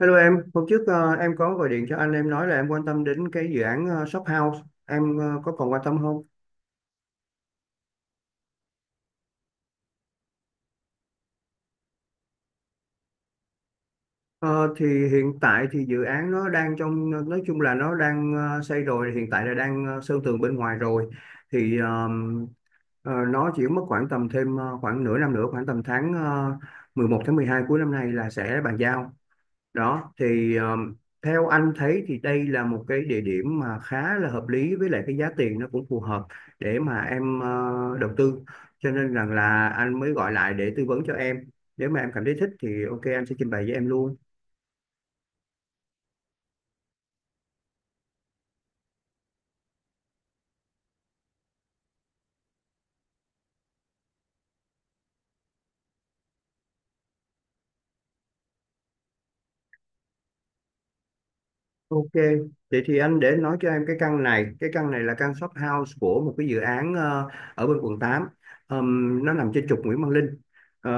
Hello em, hôm trước em có gọi điện cho anh, em nói là em quan tâm đến cái dự án shop house, em có còn quan tâm không? Ờ, thì hiện tại thì dự án nó đang trong, nói chung là nó đang xây rồi, hiện tại là đang sơn tường bên ngoài rồi. Thì nó chỉ mất khoảng tầm thêm khoảng nửa năm nữa, khoảng tầm tháng 11 tháng 12 cuối năm nay là sẽ bàn giao. Đó thì theo anh thấy thì đây là một cái địa điểm mà khá là hợp lý, với lại cái giá tiền nó cũng phù hợp để mà em đầu tư, cho nên rằng là anh mới gọi lại để tư vấn cho em. Nếu mà em cảm thấy thích thì ok, anh sẽ trình bày với em luôn. Ok, vậy thì anh để nói cho em cái căn này là căn shop house của một cái dự án ở bên quận 8. Nó nằm trên trục Nguyễn Văn Linh. Ờ,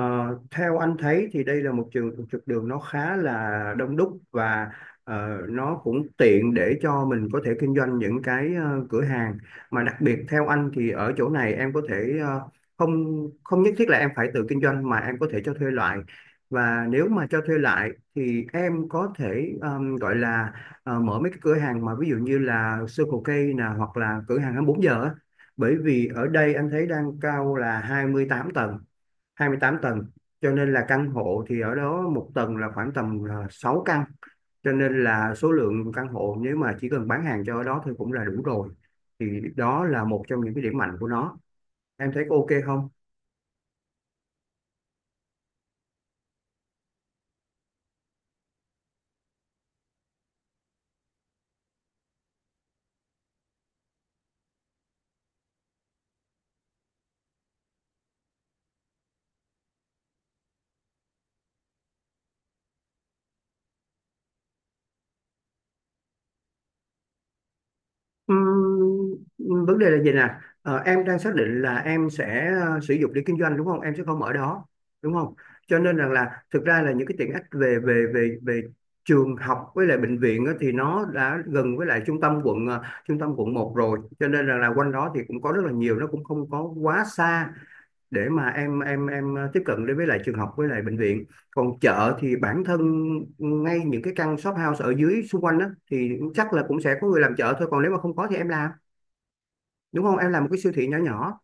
Theo anh thấy thì đây là một trục đường nó khá là đông đúc, và nó cũng tiện để cho mình có thể kinh doanh những cái cửa hàng. Mà đặc biệt theo anh thì ở chỗ này em có thể không không nhất thiết là em phải tự kinh doanh mà em có thể cho thuê lại. Và nếu mà cho thuê lại thì em có thể gọi là mở mấy cái cửa hàng mà ví dụ như là Circle K nè, hoặc là cửa hàng 24 giờ á, bởi vì ở đây anh thấy đang cao là 28 tầng, 28 tầng, cho nên là căn hộ thì ở đó một tầng là khoảng tầm 6 căn, cho nên là số lượng căn hộ nếu mà chỉ cần bán hàng cho ở đó thôi cũng là đủ rồi. Thì đó là một trong những cái điểm mạnh của nó. Em thấy có ok không? Vấn đề là gì nè? Em đang xác định là em sẽ sử dụng để kinh doanh, đúng không, em sẽ không ở đó đúng không, cho nên rằng là thực ra là những cái tiện ích về về về về trường học với lại bệnh viện á, thì nó đã gần với lại trung tâm quận trung tâm quận 1 rồi, cho nên rằng là quanh đó thì cũng có rất là nhiều, nó cũng không có quá xa để mà em tiếp cận đến với lại trường học với lại bệnh viện. Còn chợ thì bản thân ngay những cái căn shop house ở dưới xung quanh đó thì chắc là cũng sẽ có người làm chợ thôi, còn nếu mà không có thì em làm, đúng không, em làm một cái siêu thị nhỏ nhỏ.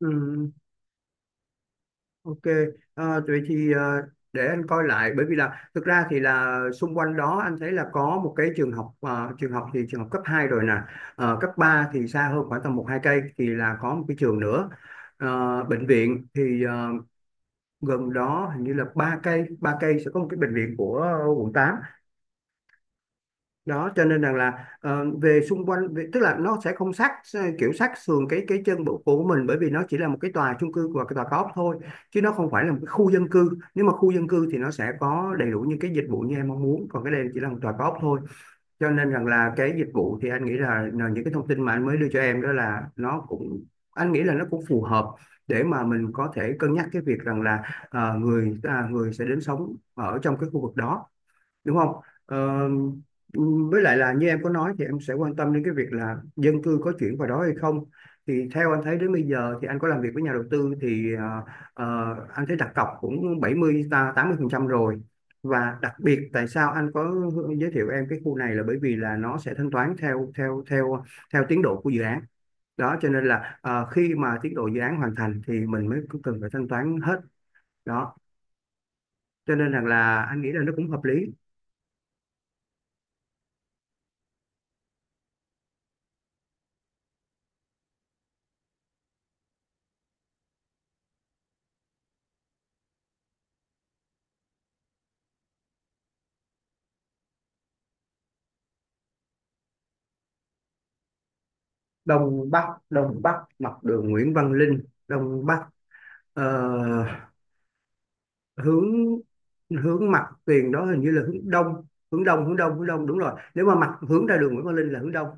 Ừ, ok. Vậy thì để anh coi lại, bởi vì là thực ra thì là xung quanh đó anh thấy là có một cái trường học, trường học thì trường học cấp 2 rồi nè. Cấp 3 thì xa hơn khoảng tầm một hai cây, thì là có một cái trường nữa. Bệnh viện thì gần đó hình như là ba cây sẽ có một cái bệnh viện của quận 8. Đó cho nên rằng là về xung quanh tức là nó sẽ không sát, kiểu sát sườn cái chân bộ của mình, bởi vì nó chỉ là một cái tòa chung cư và cái tòa cao ốc thôi, chứ nó không phải là một cái khu dân cư. Nếu mà khu dân cư thì nó sẽ có đầy đủ những cái dịch vụ như em mong muốn, còn cái đây chỉ là một tòa cao ốc thôi, cho nên rằng là cái dịch vụ thì anh nghĩ là những cái thông tin mà anh mới đưa cho em đó là nó cũng, anh nghĩ là nó cũng phù hợp để mà mình có thể cân nhắc cái việc rằng là người người sẽ đến sống ở trong cái khu vực đó, đúng không? Ờ, với lại là như em có nói thì em sẽ quan tâm đến cái việc là dân cư có chuyển vào đó hay không, thì theo anh thấy đến bây giờ thì anh có làm việc với nhà đầu tư thì anh thấy đặt cọc cũng 70 ta 80% rồi. Và đặc biệt tại sao anh có giới thiệu em cái khu này là bởi vì là nó sẽ thanh toán theo theo theo theo tiến độ của dự án, đó cho nên là khi mà tiến độ dự án hoàn thành thì mình mới cần phải thanh toán hết. Đó cho nên rằng là anh nghĩ là nó cũng hợp lý. Đông Bắc, Đông Bắc mặt đường Nguyễn Văn Linh, Đông Bắc. Ờ, hướng hướng mặt tiền đó hình như là hướng đông, đúng rồi. Nếu mà mặt hướng ra đường Nguyễn Văn Linh là hướng đông.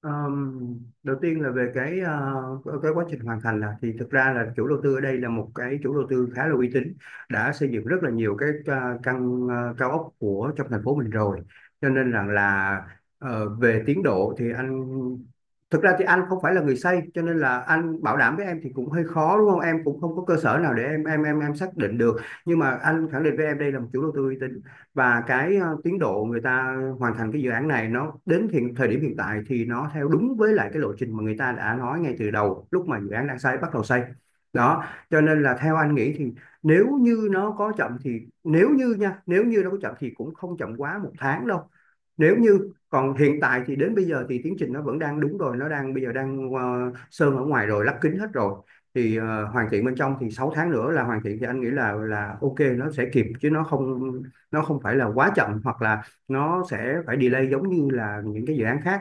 Ờm, Đầu tiên là về cái cái quá trình hoàn thành là thì thực ra là chủ đầu tư ở đây là một cái chủ đầu tư khá là uy tín, đã xây dựng rất là nhiều cái căn cao ốc của trong thành phố mình rồi, cho nên rằng là về tiến độ thì anh, thực ra thì anh không phải là người xây, cho nên là anh bảo đảm với em thì cũng hơi khó đúng không, em cũng không có cơ sở nào để em xác định được. Nhưng mà anh khẳng định với em đây là một chủ đầu tư uy tín, và cái tiến độ người ta hoàn thành cái dự án này nó đến hiện thời điểm hiện tại thì nó theo đúng với lại cái lộ trình mà người ta đã nói ngay từ đầu lúc mà dự án đang xây bắt đầu xây. Đó cho nên là theo anh nghĩ thì, nếu như nó có chậm thì, nếu như nó có chậm thì cũng không chậm quá 1 tháng đâu. Nếu như còn hiện tại thì đến bây giờ thì tiến trình nó vẫn đang đúng rồi, nó đang, bây giờ đang sơn ở ngoài rồi, lắp kính hết rồi, thì hoàn thiện bên trong thì 6 tháng nữa là hoàn thiện thì anh nghĩ là ok, nó sẽ kịp chứ nó không phải là quá chậm, hoặc là nó sẽ phải delay giống như là những cái dự án khác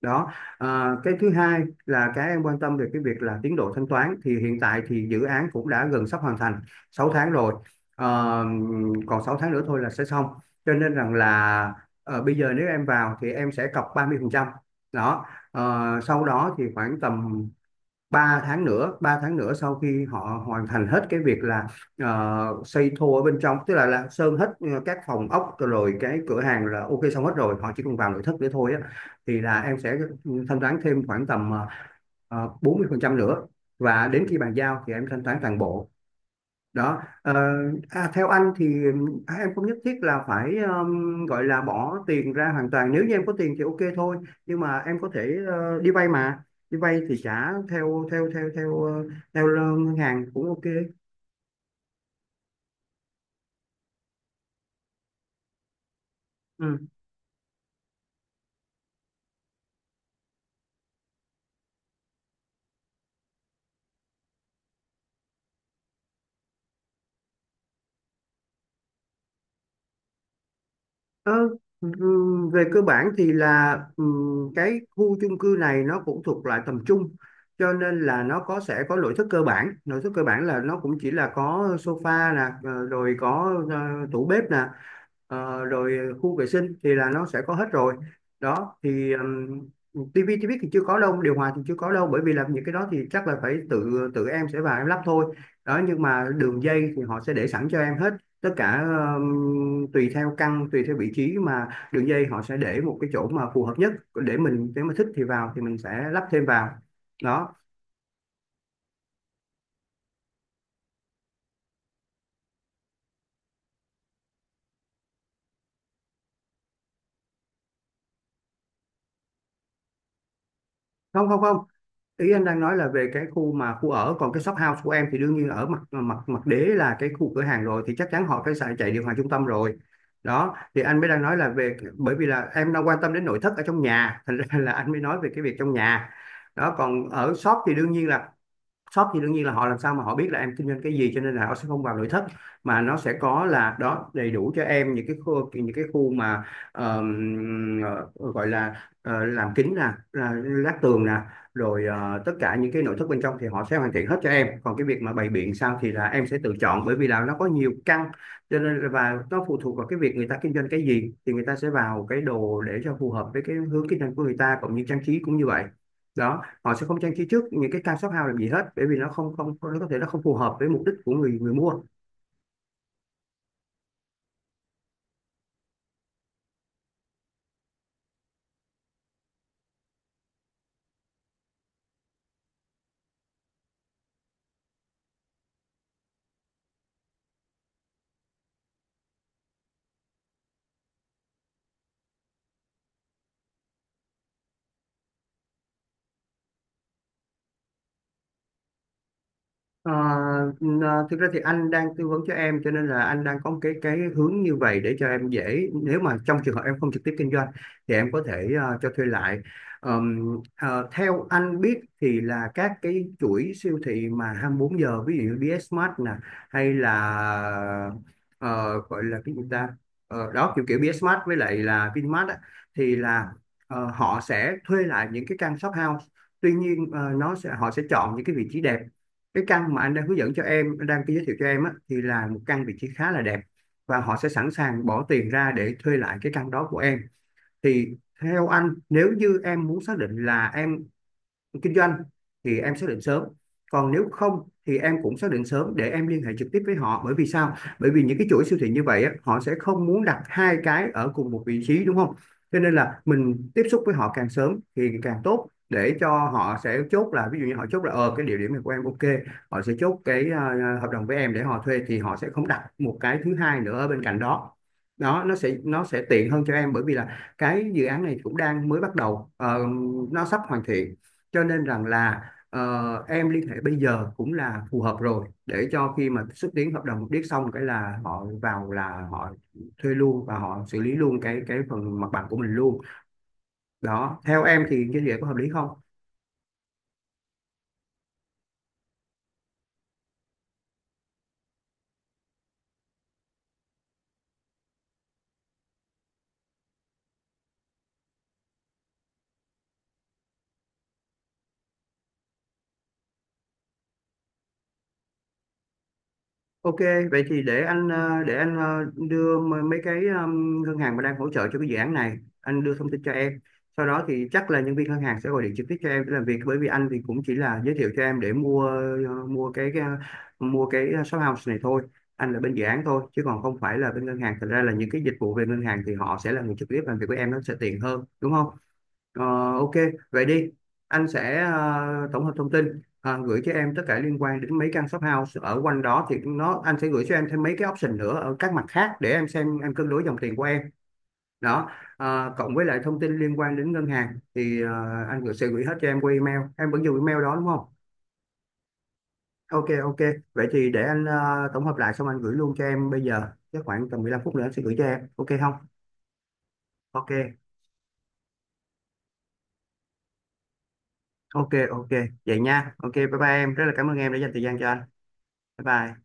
đó. À, cái thứ hai là cái em quan tâm về cái việc là tiến độ thanh toán, thì hiện tại thì dự án cũng đã gần sắp hoàn thành 6 tháng rồi. Ờ, còn 6 tháng nữa thôi là sẽ xong, cho nên rằng là bây giờ nếu em vào thì em sẽ cọc 30%. Đó. Sau đó thì khoảng tầm 3 tháng nữa, sau khi họ hoàn thành hết cái việc là xây thô ở bên trong, tức là, sơn hết các phòng ốc rồi cái cửa hàng là ok xong hết rồi, họ chỉ cần vào nội thất để thôi á, thì là em sẽ thanh toán thêm khoảng tầm 40% nữa, và đến khi bàn giao thì em thanh toán toàn bộ. Đó à, theo anh thì em không nhất thiết là phải gọi là bỏ tiền ra hoàn toàn, nếu như em có tiền thì ok thôi. Nhưng mà em có thể đi vay mà, đi vay thì trả theo theo theo theo ờ, theo ngân hàng cũng ok. Ừ. Ờ, về cơ bản thì là cái khu chung cư này nó cũng thuộc loại tầm trung cho nên là nó sẽ có nội thất cơ bản. Nội thất cơ bản là nó cũng chỉ là có sofa nè, rồi có tủ bếp nè, rồi khu vệ sinh thì là nó sẽ có hết rồi đó. Thì tivi, tivi thì chưa có đâu, điều hòa thì chưa có đâu, bởi vì làm những cái đó thì chắc là phải tự tự em sẽ vào em lắp thôi. Đó, nhưng mà đường dây thì họ sẽ để sẵn cho em hết tất cả. Tùy theo căn, tùy theo vị trí mà đường dây họ sẽ để một cái chỗ mà phù hợp nhất để mình nếu mà thích thì vào thì mình sẽ lắp thêm vào đó. Không, không, không, ý anh đang nói là về cái khu mà khu ở, còn cái shop house của em thì đương nhiên ở mặt mặt mặt đế là cái khu cửa hàng rồi thì chắc chắn họ phải xài chạy điều hòa trung tâm rồi. Đó thì anh mới đang nói là về, bởi vì là em đang quan tâm đến nội thất ở trong nhà, thành ra là anh mới nói về cái việc trong nhà. Đó, còn ở shop thì đương nhiên là, shop thì đương nhiên là họ làm sao mà họ biết là em kinh doanh cái gì, cho nên là họ sẽ không vào nội thất, mà nó sẽ có là đó, đầy đủ cho em những cái khu, những cái khu mà ờm, gọi là làm kính nè, là lát tường nè, rồi tất cả những cái nội thất bên trong thì họ sẽ hoàn thiện hết cho em. Còn cái việc mà bày biện sao thì là em sẽ tự chọn, bởi vì là nó có nhiều căn, và nó phụ thuộc vào cái việc người ta kinh doanh cái gì thì người ta sẽ vào cái đồ để cho phù hợp với cái hướng kinh doanh của người ta, cũng như trang trí cũng như vậy. Đó, họ sẽ không trang trí trước những cái cam shop house làm gì hết, bởi vì nó không không, nó có thể nó không phù hợp với mục đích của người người mua. Ờ, thực ra thì anh đang tư vấn cho em, cho nên là anh đang có một cái hướng như vậy để cho em dễ, nếu mà trong trường hợp em không trực tiếp kinh doanh thì em có thể cho thuê lại. Theo anh biết thì là các cái chuỗi siêu thị mà 24 giờ, ví dụ như BSmart nè, hay là ờ, gọi là cái gì ta. Ờ, đó kiểu kiểu BSmart với lại là Vinmart á, thì là họ sẽ thuê lại những cái căn shop house. Tuy nhiên nó sẽ, họ sẽ chọn những cái vị trí đẹp. Cái căn mà anh đang hướng dẫn cho em, anh đang giới thiệu cho em á, thì là một căn vị trí khá là đẹp, và họ sẽ sẵn sàng bỏ tiền ra để thuê lại cái căn đó của em. Thì theo anh, nếu như em muốn xác định là em kinh doanh thì em xác định sớm, còn nếu không thì em cũng xác định sớm để em liên hệ trực tiếp với họ. Bởi vì sao? Bởi vì những cái chuỗi siêu thị như vậy á, họ sẽ không muốn đặt hai cái ở cùng một vị trí, đúng không? Cho nên là mình tiếp xúc với họ càng sớm thì càng tốt, để cho họ sẽ chốt, là ví dụ như họ chốt là ờ cái địa điểm này của em ok, họ sẽ chốt cái hợp đồng với em để họ thuê, thì họ sẽ không đặt một cái thứ hai nữa ở bên cạnh đó. Đó, nó sẽ tiện hơn cho em, bởi vì là cái dự án này cũng đang mới bắt đầu, nó sắp hoàn thiện, cho nên rằng là em liên hệ bây giờ cũng là phù hợp rồi, để cho khi mà xúc tiến hợp đồng điếc xong cái là họ vào là họ thuê luôn, và họ xử lý luôn cái phần mặt bằng của mình luôn. Đó, theo em thì như vậy có hợp lý không? Ok, vậy thì để anh đưa mấy cái ngân hàng mà đang hỗ trợ cho cái dự án này, anh đưa thông tin cho em. Sau đó thì chắc là nhân viên ngân hàng sẽ gọi điện trực tiếp cho em để làm việc, bởi vì anh thì cũng chỉ là giới thiệu cho em để mua ờ, mua cái ờ, mua cái shop house này thôi. Anh là bên dự án thôi chứ còn không phải là bên ngân hàng. Thật ra là những cái dịch vụ về ngân hàng thì họ sẽ là người trực tiếp làm việc với em, nó sẽ tiện hơn, đúng không? Ờ, ok, vậy đi. Anh sẽ tổng hợp thông tin gửi cho em tất cả liên quan đến mấy căn shop house ở quanh đó, thì anh sẽ gửi cho em thêm mấy cái option nữa ở các mặt khác để em xem em cân đối dòng tiền của em. Đó, Ờ, cộng với lại thông tin liên quan đến ngân hàng thì ờ, anh gửi sẽ gửi hết cho em qua email. Em vẫn dùng email đó đúng không? Ok, ok. Vậy thì để anh tổng hợp lại xong anh gửi luôn cho em bây giờ. Chắc khoảng tầm 15 phút nữa anh sẽ gửi cho em. Ok không? Ok, ok, ok. Vậy nha. Ok, bye bye em. Rất là cảm ơn em đã dành thời gian cho anh. Bye bye.